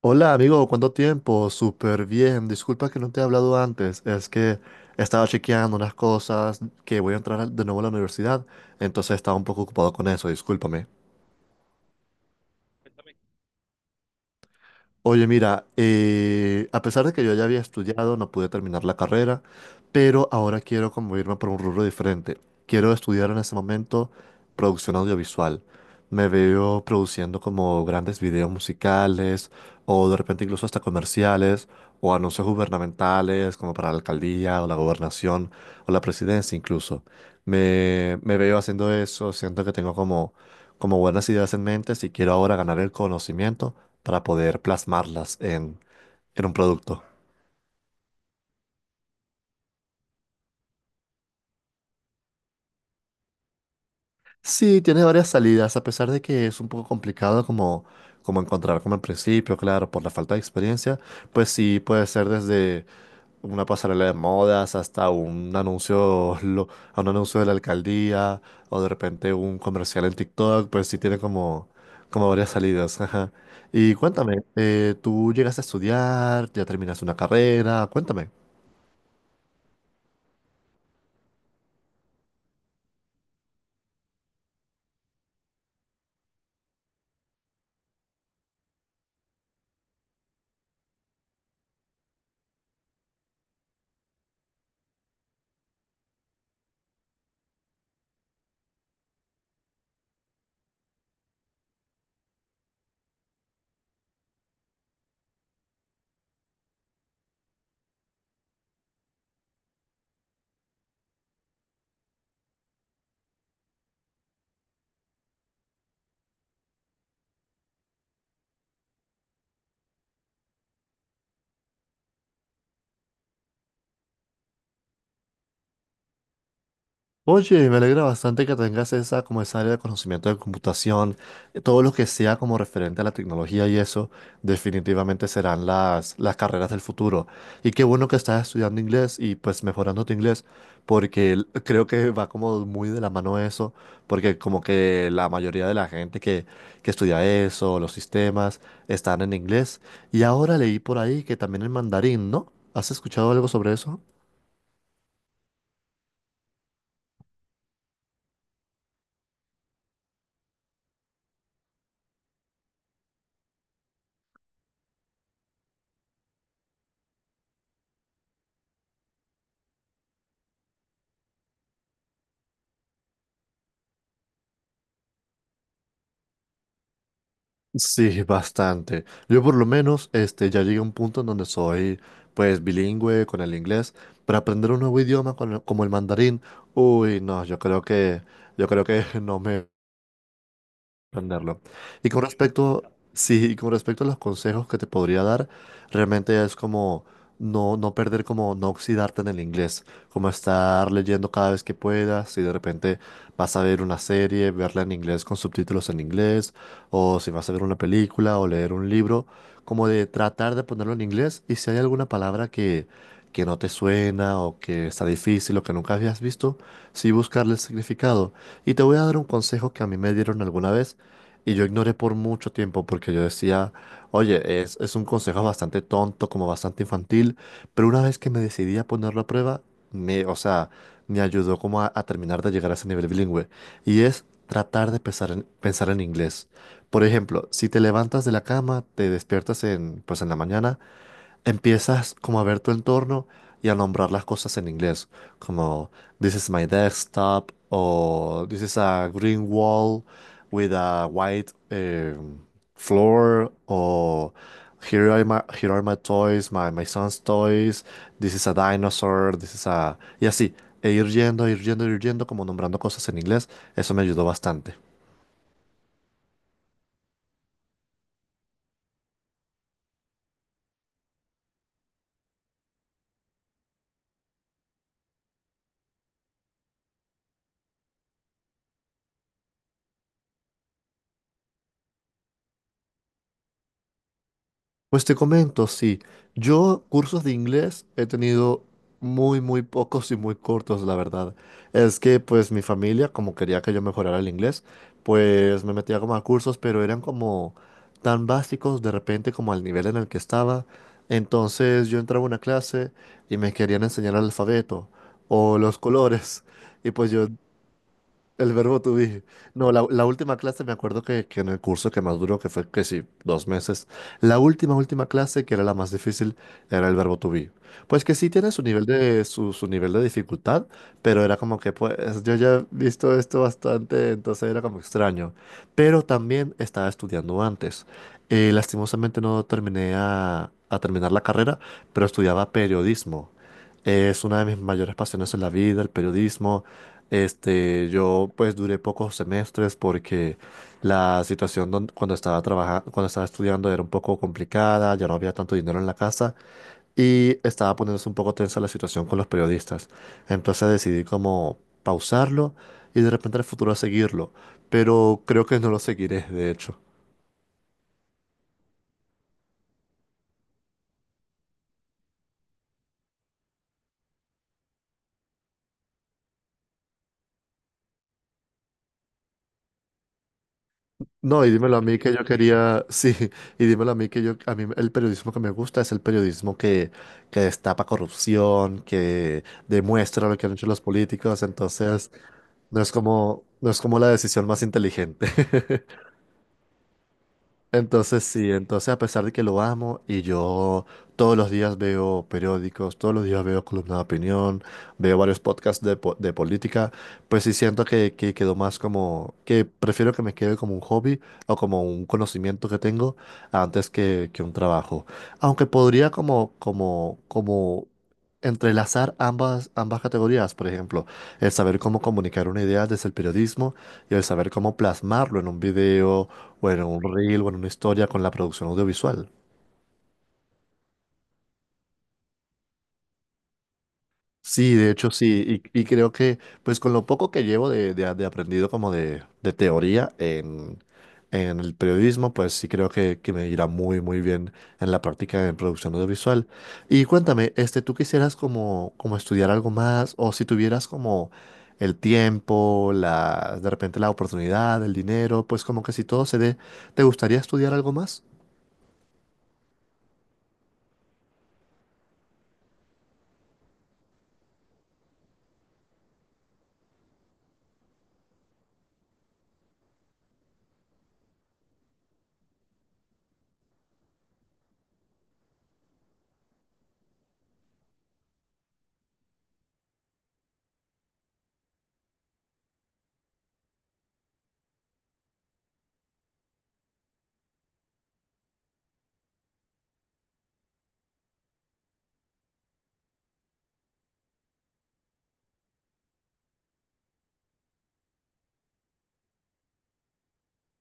Hola amigo, ¿cuánto tiempo? Súper bien. Disculpa que no te he hablado antes. Es que estaba chequeando unas cosas que voy a entrar de nuevo a la universidad, entonces estaba un poco ocupado con eso, discúlpame. Oye, mira, a pesar de que yo ya había estudiado, no pude terminar la carrera, pero ahora quiero como irme por un rubro diferente. Quiero estudiar en este momento producción audiovisual. Me veo produciendo como grandes videos musicales o de repente incluso hasta comerciales o anuncios gubernamentales como para la alcaldía o la gobernación o la presidencia incluso. Me veo haciendo eso, siento que tengo como buenas ideas en mente si quiero ahora ganar el conocimiento para poder plasmarlas en un producto. Sí, tiene varias salidas, a pesar de que es un poco complicado como encontrar como al principio, claro, por la falta de experiencia, pues sí, puede ser desde una pasarela de modas hasta un anuncio, a un anuncio de la alcaldía o de repente un comercial en TikTok, pues sí tiene como varias salidas. Ajá. Y cuéntame, ¿tú llegas a estudiar? ¿Ya terminas una carrera? Cuéntame. Oye, me alegra bastante que tengas esa, como esa área de conocimiento de computación, todo lo que sea como referente a la tecnología y eso, definitivamente serán las carreras del futuro. Y qué bueno que estás estudiando inglés y pues mejorando tu inglés, porque creo que va como muy de la mano eso, porque como que la mayoría de la gente que estudia eso, los sistemas, están en inglés. Y ahora leí por ahí que también el mandarín, ¿no? ¿Has escuchado algo sobre eso? Sí, bastante. Yo por lo menos este, ya llegué a un punto en donde soy pues bilingüe con el inglés, pero aprender un nuevo idioma con como el mandarín, uy, no, yo creo que no me aprenderlo. Y con respecto, sí, y con respecto a los consejos que te podría dar, realmente es como no perder, como no oxidarte en el inglés, como estar leyendo cada vez que puedas, y de repente vas a ver una serie, verla en inglés con subtítulos en inglés, o si vas a ver una película o leer un libro, como de tratar de ponerlo en inglés, y si hay alguna palabra que no te suena o que está difícil o que nunca habías visto, sí buscarle el significado. Y te voy a dar un consejo que a mí me dieron alguna vez y yo ignoré por mucho tiempo porque yo decía, oye, es un consejo bastante tonto, como bastante infantil, pero una vez que me decidí a ponerlo a prueba, me, o sea, me ayudó como a terminar de llegar a ese nivel bilingüe. Y es tratar de pensar en, pensar en inglés. Por ejemplo, si te levantas de la cama, te despiertas pues en la mañana empiezas como a ver tu entorno y a nombrar las cosas en inglés, como This is my desktop, o This is a green wall with a white floor, o here are my toys, my son's toys, this is a dinosaur, this is a... Y así, e ir yendo, ir yendo, ir yendo, como nombrando cosas en inglés, eso me ayudó bastante. Pues te comento, sí. Yo cursos de inglés he tenido muy, muy pocos y muy cortos, la verdad. Es que pues mi familia, como quería que yo mejorara el inglés, pues me metía como a cursos, pero eran como tan básicos de repente como al nivel en el que estaba. Entonces yo entraba a una clase y me querían enseñar el alfabeto o los colores. Y pues yo el verbo to be. No, la última clase me acuerdo que en el curso que más duró, que fue que sí, dos meses, la última clase, que era la más difícil, era el verbo to be. Pues que sí tiene su nivel de, su nivel de dificultad, pero era como que pues yo ya he visto esto bastante, entonces era como extraño. Pero también estaba estudiando antes. Lastimosamente no terminé a terminar la carrera, pero estudiaba periodismo. Es una de mis mayores pasiones en la vida, el periodismo. Este, yo pues duré pocos semestres porque la situación cuando estaba trabajando, cuando estaba estudiando era un poco complicada, ya no había tanto dinero en la casa y estaba poniéndose un poco tensa la situación con los periodistas. Entonces decidí como pausarlo y de repente en el futuro seguirlo, pero creo que no lo seguiré, de hecho. No, y dímelo a mí que yo quería, sí, y dímelo a mí que yo, a mí el periodismo que me gusta es el periodismo que destapa corrupción, que demuestra lo que han hecho los políticos, entonces no es como, no es como la decisión más inteligente. Entonces sí, entonces a pesar de que lo amo y yo todos los días veo periódicos, todos los días veo columna de opinión, veo varios podcasts de, de política, pues sí siento que quedó más como, que prefiero que me quede como un hobby o como un conocimiento que tengo antes que un trabajo. Aunque podría como entrelazar ambas categorías, por ejemplo, el saber cómo comunicar una idea desde el periodismo y el saber cómo plasmarlo en un video, bueno, un reel, bueno, una historia con la producción audiovisual. Sí, de hecho sí, y creo que pues con lo poco que llevo de, de aprendido como de teoría en el periodismo, pues sí creo que me irá muy muy bien en la práctica en producción audiovisual. Y cuéntame, este, ¿tú quisieras como estudiar algo más, o si tuvieras como el tiempo, la, de repente la oportunidad, el dinero, pues como que si todo se dé, ¿te gustaría estudiar algo más?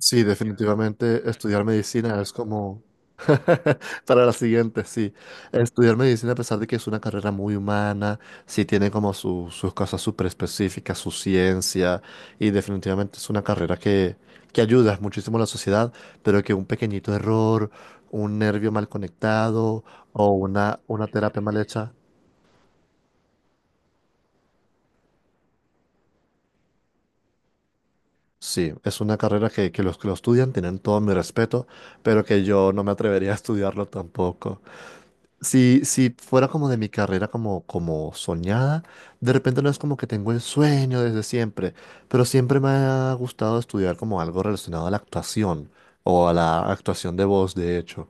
Sí, definitivamente estudiar medicina es como para la siguiente, sí. Estudiar medicina, a pesar de que es una carrera muy humana, sí tiene como sus cosas súper específicas, su ciencia, y definitivamente es una carrera que ayuda muchísimo a la sociedad, pero que un pequeñito error, un nervio mal conectado o una terapia mal hecha, sí, es una carrera que los que lo estudian tienen todo mi respeto, pero que yo no me atrevería a estudiarlo tampoco. Si fuera como de mi carrera como soñada, de repente no es como que tengo el sueño desde siempre, pero siempre me ha gustado estudiar como algo relacionado a la actuación o a la actuación de voz, de hecho.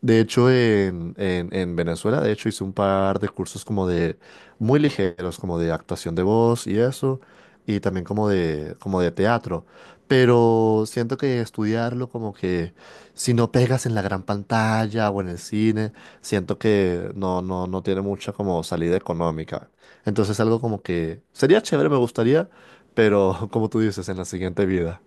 De hecho, en, en Venezuela, de hecho, hice un par de cursos como de muy ligeros, como de actuación de voz y eso, y también como de teatro. Pero siento que estudiarlo como que si no pegas en la gran pantalla o en el cine, siento que no tiene mucha como salida económica. Entonces algo como que sería chévere, me gustaría, pero como tú dices, en la siguiente vida.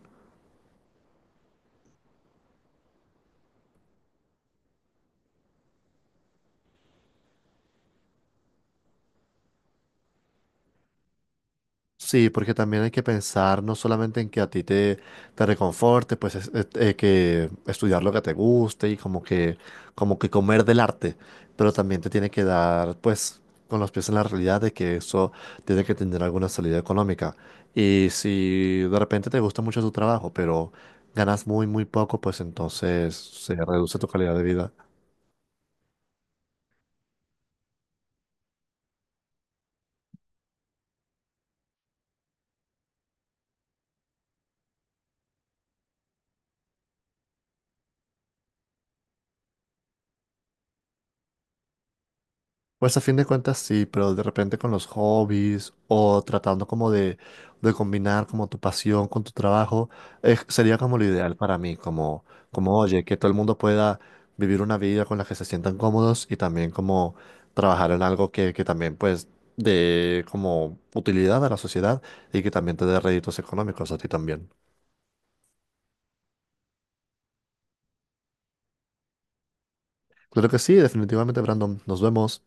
Sí, porque también hay que pensar no solamente en que a ti te reconforte, pues que estudiar lo que te guste y como que comer del arte, pero también te tiene que dar pues con los pies en la realidad de que eso tiene que tener alguna salida económica. Y si de repente te gusta mucho tu trabajo, pero ganas muy, muy poco, pues entonces se reduce tu calidad de vida. Pues a fin de cuentas sí, pero de repente con los hobbies o tratando como de combinar como tu pasión con tu trabajo, sería como lo ideal para mí, como, como oye, que todo el mundo pueda vivir una vida con la que se sientan cómodos y también como trabajar en algo que también pues de como utilidad a la sociedad y que también te dé réditos económicos a ti también. Claro que sí, definitivamente, Brandon. Nos vemos.